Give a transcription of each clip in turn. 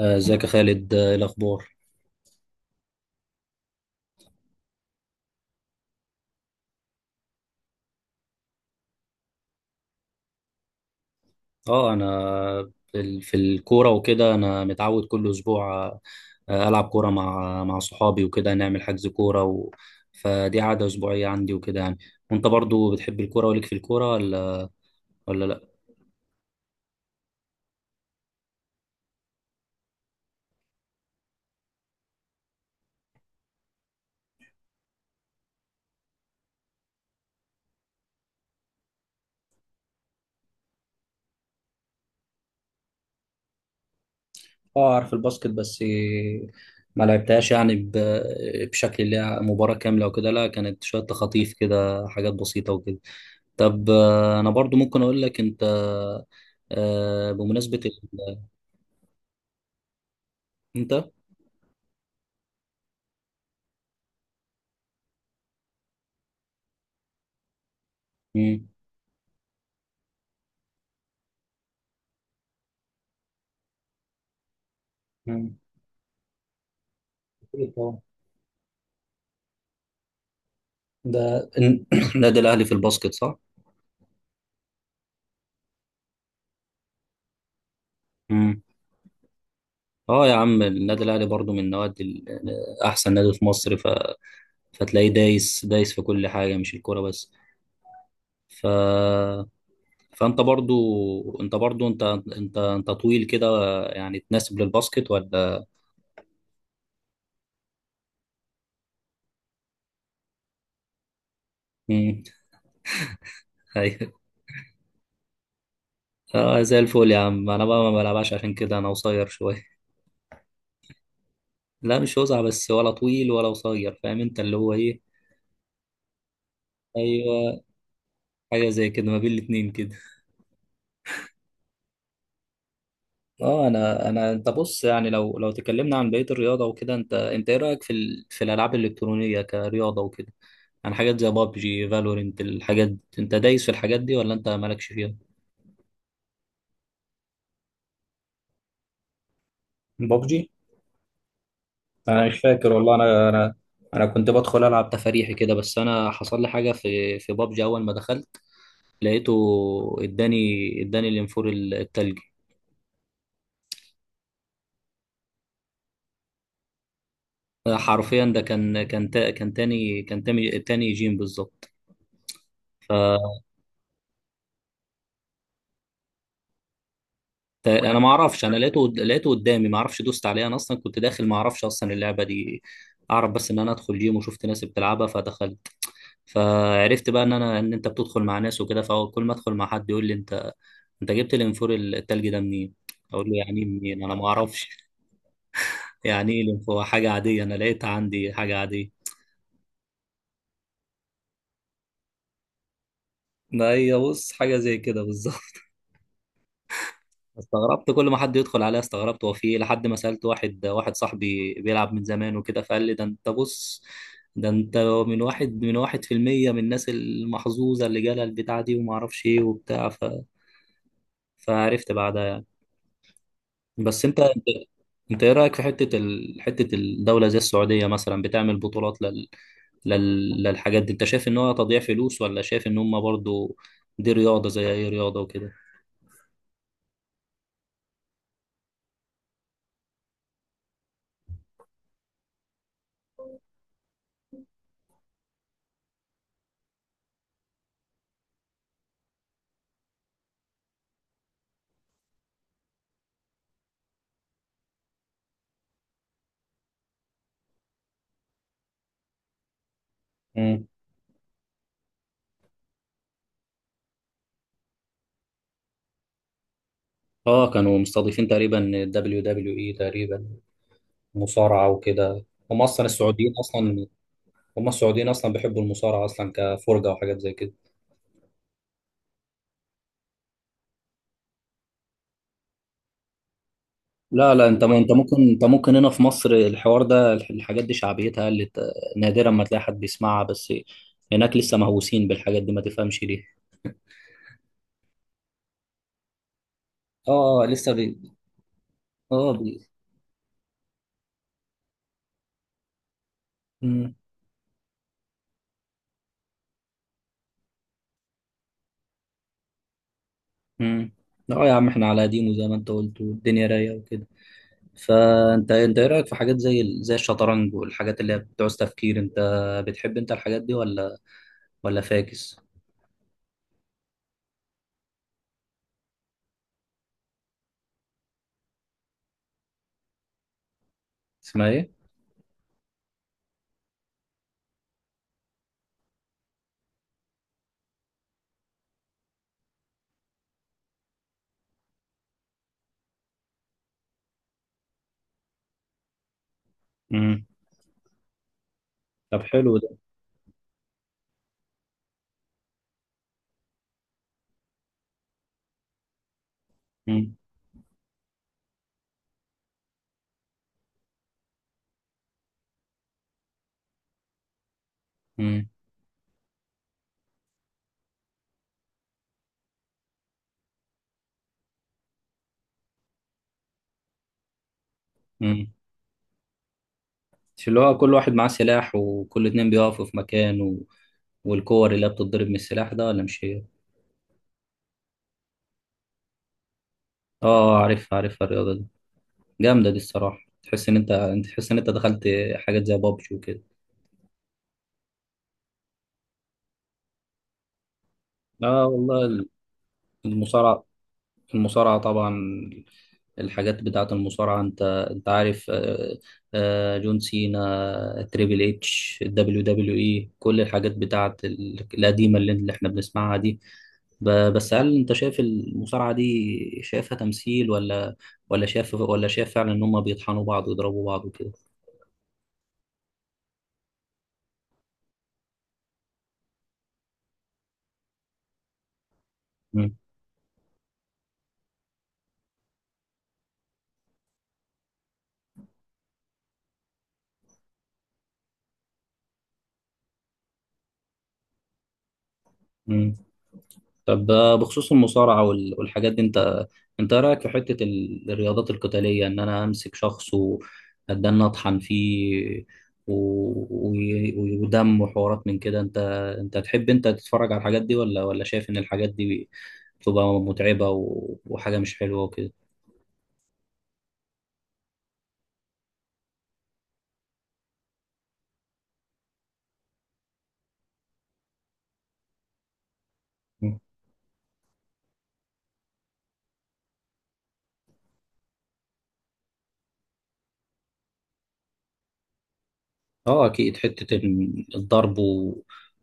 ازيك يا خالد، ايه الاخبار؟ اه انا في الكوره وكده، انا متعود كل اسبوع، العب كوره مع صحابي وكده، نعمل حجز كوره و... فدي عاده اسبوعيه عندي وكده يعني. وانت برضو بتحب الكوره وليك في الكوره، ولا لا؟ اه اعرف الباسكت بس ما لعبتهاش يعني بشكل اللي هي مباراه كامله وكده. لا، كانت شويه تخاطيف كده، حاجات بسيطه وكده. طب، انا برضو ممكن اقول لك انت، بمناسبه انت. مم. مم. أكيد طبعا. ده النادي الأهلي في الباسكت، صح؟ امم. اه يا عم، النادي الاهلي برضو من احسن نادي في مصر. فتلاقيه دايس دايس في كل حاجه، مش الكوره بس. ف... فانت برضو انت برضو انت انت انت طويل كده، يعني تناسب للباسكت، ولا؟ مم. ايوه. اه زي الفل يا عم، انا بقى ما بلعبش عشان كده، انا قصير شويه. لا، مش وسع بس، ولا طويل ولا قصير، فاهم انت اللي هو ايه. ايوه، حاجه زي كده ما بين الاتنين كده. اه انا انا انت بص، يعني لو تكلمنا عن بقيه الرياضه وكده، انت ايه رايك في الالعاب الالكترونيه كرياضه وكده؟ يعني حاجات زي بابجي فالورنت الحاجات دي. انت دايس في الحاجات دي، ولا انت مالكش فيها؟ بابجي. انا مش فاكر والله. انا انا كنت بدخل العب تفاريحي كده، بس انا حصل لي حاجه في بابجي اول ما دخلت. لقيته. اداني اداني الانفور التلجي. حرفيا ده كان تاني جيم بالظبط. طيب، انا ما اعرفش، انا لقيته قدامي، ما اعرفش دوست عليه، انا اصلا كنت داخل ما اعرفش اصلا اللعبه دي. اعرف بس ان انا ادخل جيم وشفت ناس بتلعبها فدخلت. فعرفت بقى ان انت بتدخل مع ناس وكده، فكل ما ادخل مع حد يقول لي: انت، انت جبت الانفور التلج ده منين؟ اقول له يعني إيه منين، انا ما اعرفش. يعني ايه الانفور، حاجه عاديه، انا لقيتها عندي حاجه عاديه. ما هي بص حاجه زي كده بالظبط. استغربت، كل ما حد يدخل عليا استغربت هو في ايه، لحد ما سألت واحد صاحبي بيلعب من زمان وكده، فقال لي: ده انت بص، ده انت من واحد في المية من الناس المحظوظة اللي جالها البتاع دي وما اعرفش ايه وبتاع. فعرفت بعدها يعني. بس انت، انت ايه رأيك في حتة الدولة زي السعودية مثلا بتعمل بطولات للحاجات دي، انت شايف ان هو تضييع فلوس، ولا شايف ان هم برضو دي رياضة زي اي رياضة وكده؟ مم. اه كانوا مستضيفين تقريبا دبليو دبليو اي، تقريبا مصارعة وكده. هم أصلا السعوديين، أصلا هم السعوديين أصلا بيحبوا المصارعة أصلا كفرجة وحاجات زي كده. لا، لا، أنت ممكن هنا في مصر الحوار ده الحاجات دي شعبيتها قلت، نادرا ما تلاقي حد بيسمعها، بس هناك لسه مهووسين بالحاجات دي، ما تفهمش ليه. لسه بي. اه بي. مم. مم. لا يا عم، احنا على قديمه زي ما انت قلت، والدنيا رايقه وكده. فانت ايه رايك في حاجات زي الشطرنج والحاجات اللي هي بتعوز تفكير، بتحب انت الحاجات دي، ولا فاكس؟ اسمها ايه؟ مم. طب، حلو ده. مم. مم. مم. مش اللي هو كل واحد معاه سلاح، وكل اتنين بيقفوا في مكان و... والكور اللي هي بتتضرب من السلاح ده، ولا مش هي؟ اه عارفها عارفها الرياضة دي. جامدة دي الصراحة، تحس ان انت انت تحس ان انت دخلت حاجات زي بابجي وكده. اه والله. المصارعة. المصارعة طبعا. الحاجات بتاعة المصارعة. انت عارف، جون سينا، تريبل اتش، دبليو دبليو اي، كل الحاجات القديمة اللي احنا بنسمعها دي. بس هل انت شايف المصارعة دي، شايفها تمثيل، ولا شايف فعلا ان هم بيطحنوا بعض ويضربوا بعض وكده؟ مم. مم. طب، بخصوص المصارعة والحاجات دي، انت رأيك في حتة الرياضات القتالية، ان انا امسك شخص واتدنى اطحن فيه، و- ودم وحوارات من كده، انت تحب تتفرج على الحاجات دي، ولا شايف ان الحاجات دي بتبقى متعبة، وحاجة مش حلوة وكده؟ اه اكيد، الضرب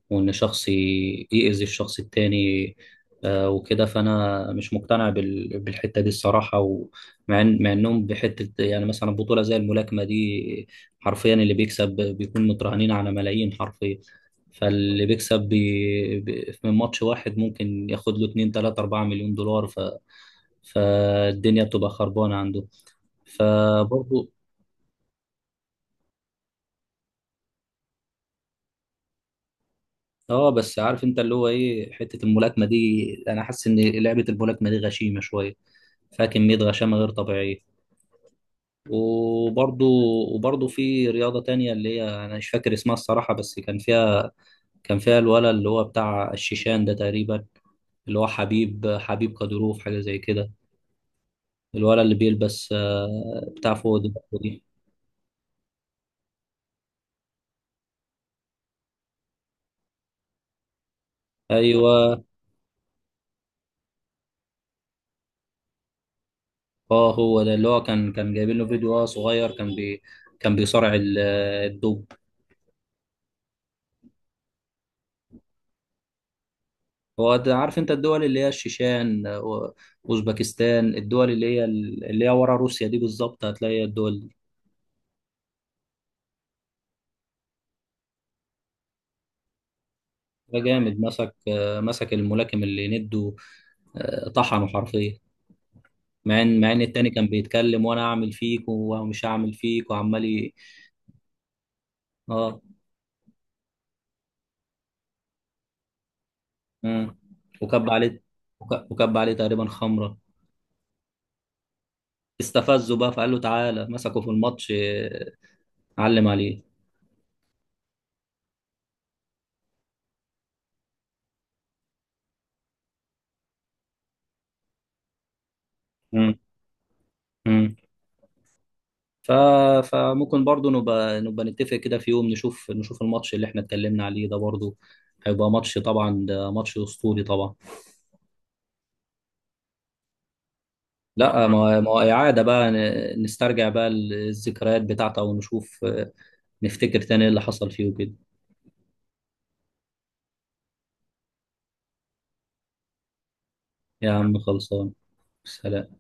وان شخص يأذي الشخص التاني، وكده. فانا مش مقتنع بالحتة دي الصراحة، ومع مع انهم بحتة يعني، مثلا بطولة زي الملاكمة دي، حرفيا اللي بيكسب بيكون مترهنين على ملايين حرفيا. فاللي بيكسب من ماتش واحد ممكن ياخد له 2 3 4 مليون دولار. فالدنيا بتبقى خربانة عنده، فبرضه. اه بس عارف انت اللي هو ايه حته الملاكمه دي، انا حاسس ان لعبه الملاكمه دي غشيمه شويه، فيها كميه غشامه غير طبيعيه. وبرضو، في رياضه تانية اللي هي انا مش فاكر اسمها الصراحه، بس كان فيها، كان فيها الولد اللي هو بتاع الشيشان ده تقريبا، اللي هو حبيب قديروف حاجه زي كده. الولد اللي بيلبس، بتاع فوق دي. دي. ايوه. اه هو ده اللي هو كان جايبين له فيديو وهو صغير، كان بي، كان بيصارع الدب. عارف انت الدول اللي هي الشيشان، واوزبكستان، الدول اللي هي ورا روسيا دي، بالظبط هتلاقي الدول دي. ده جامد، مسك الملاكم اللي نده، طحنه حرفيا، مع ان التاني كان بيتكلم: وانا اعمل فيك ومش هعمل فيك، وعمال اه، آه. وكب عليه، وكب عليه تقريبا خمره، استفزه بقى، فقال له: تعالى. مسكه في الماتش، علم عليه. مم. مم. ف... فممكن برضو نبقى نتفق كده في يوم، نشوف الماتش اللي احنا اتكلمنا عليه ده برضو، هيبقى ماتش طبعا، ده ماتش اسطوري طبعا. لا، ما هو اعاده بقى، نسترجع بقى الذكريات بتاعته ونشوف، نفتكر تاني إيه اللي حصل فيه وكده. يا عم خلصان. سلام.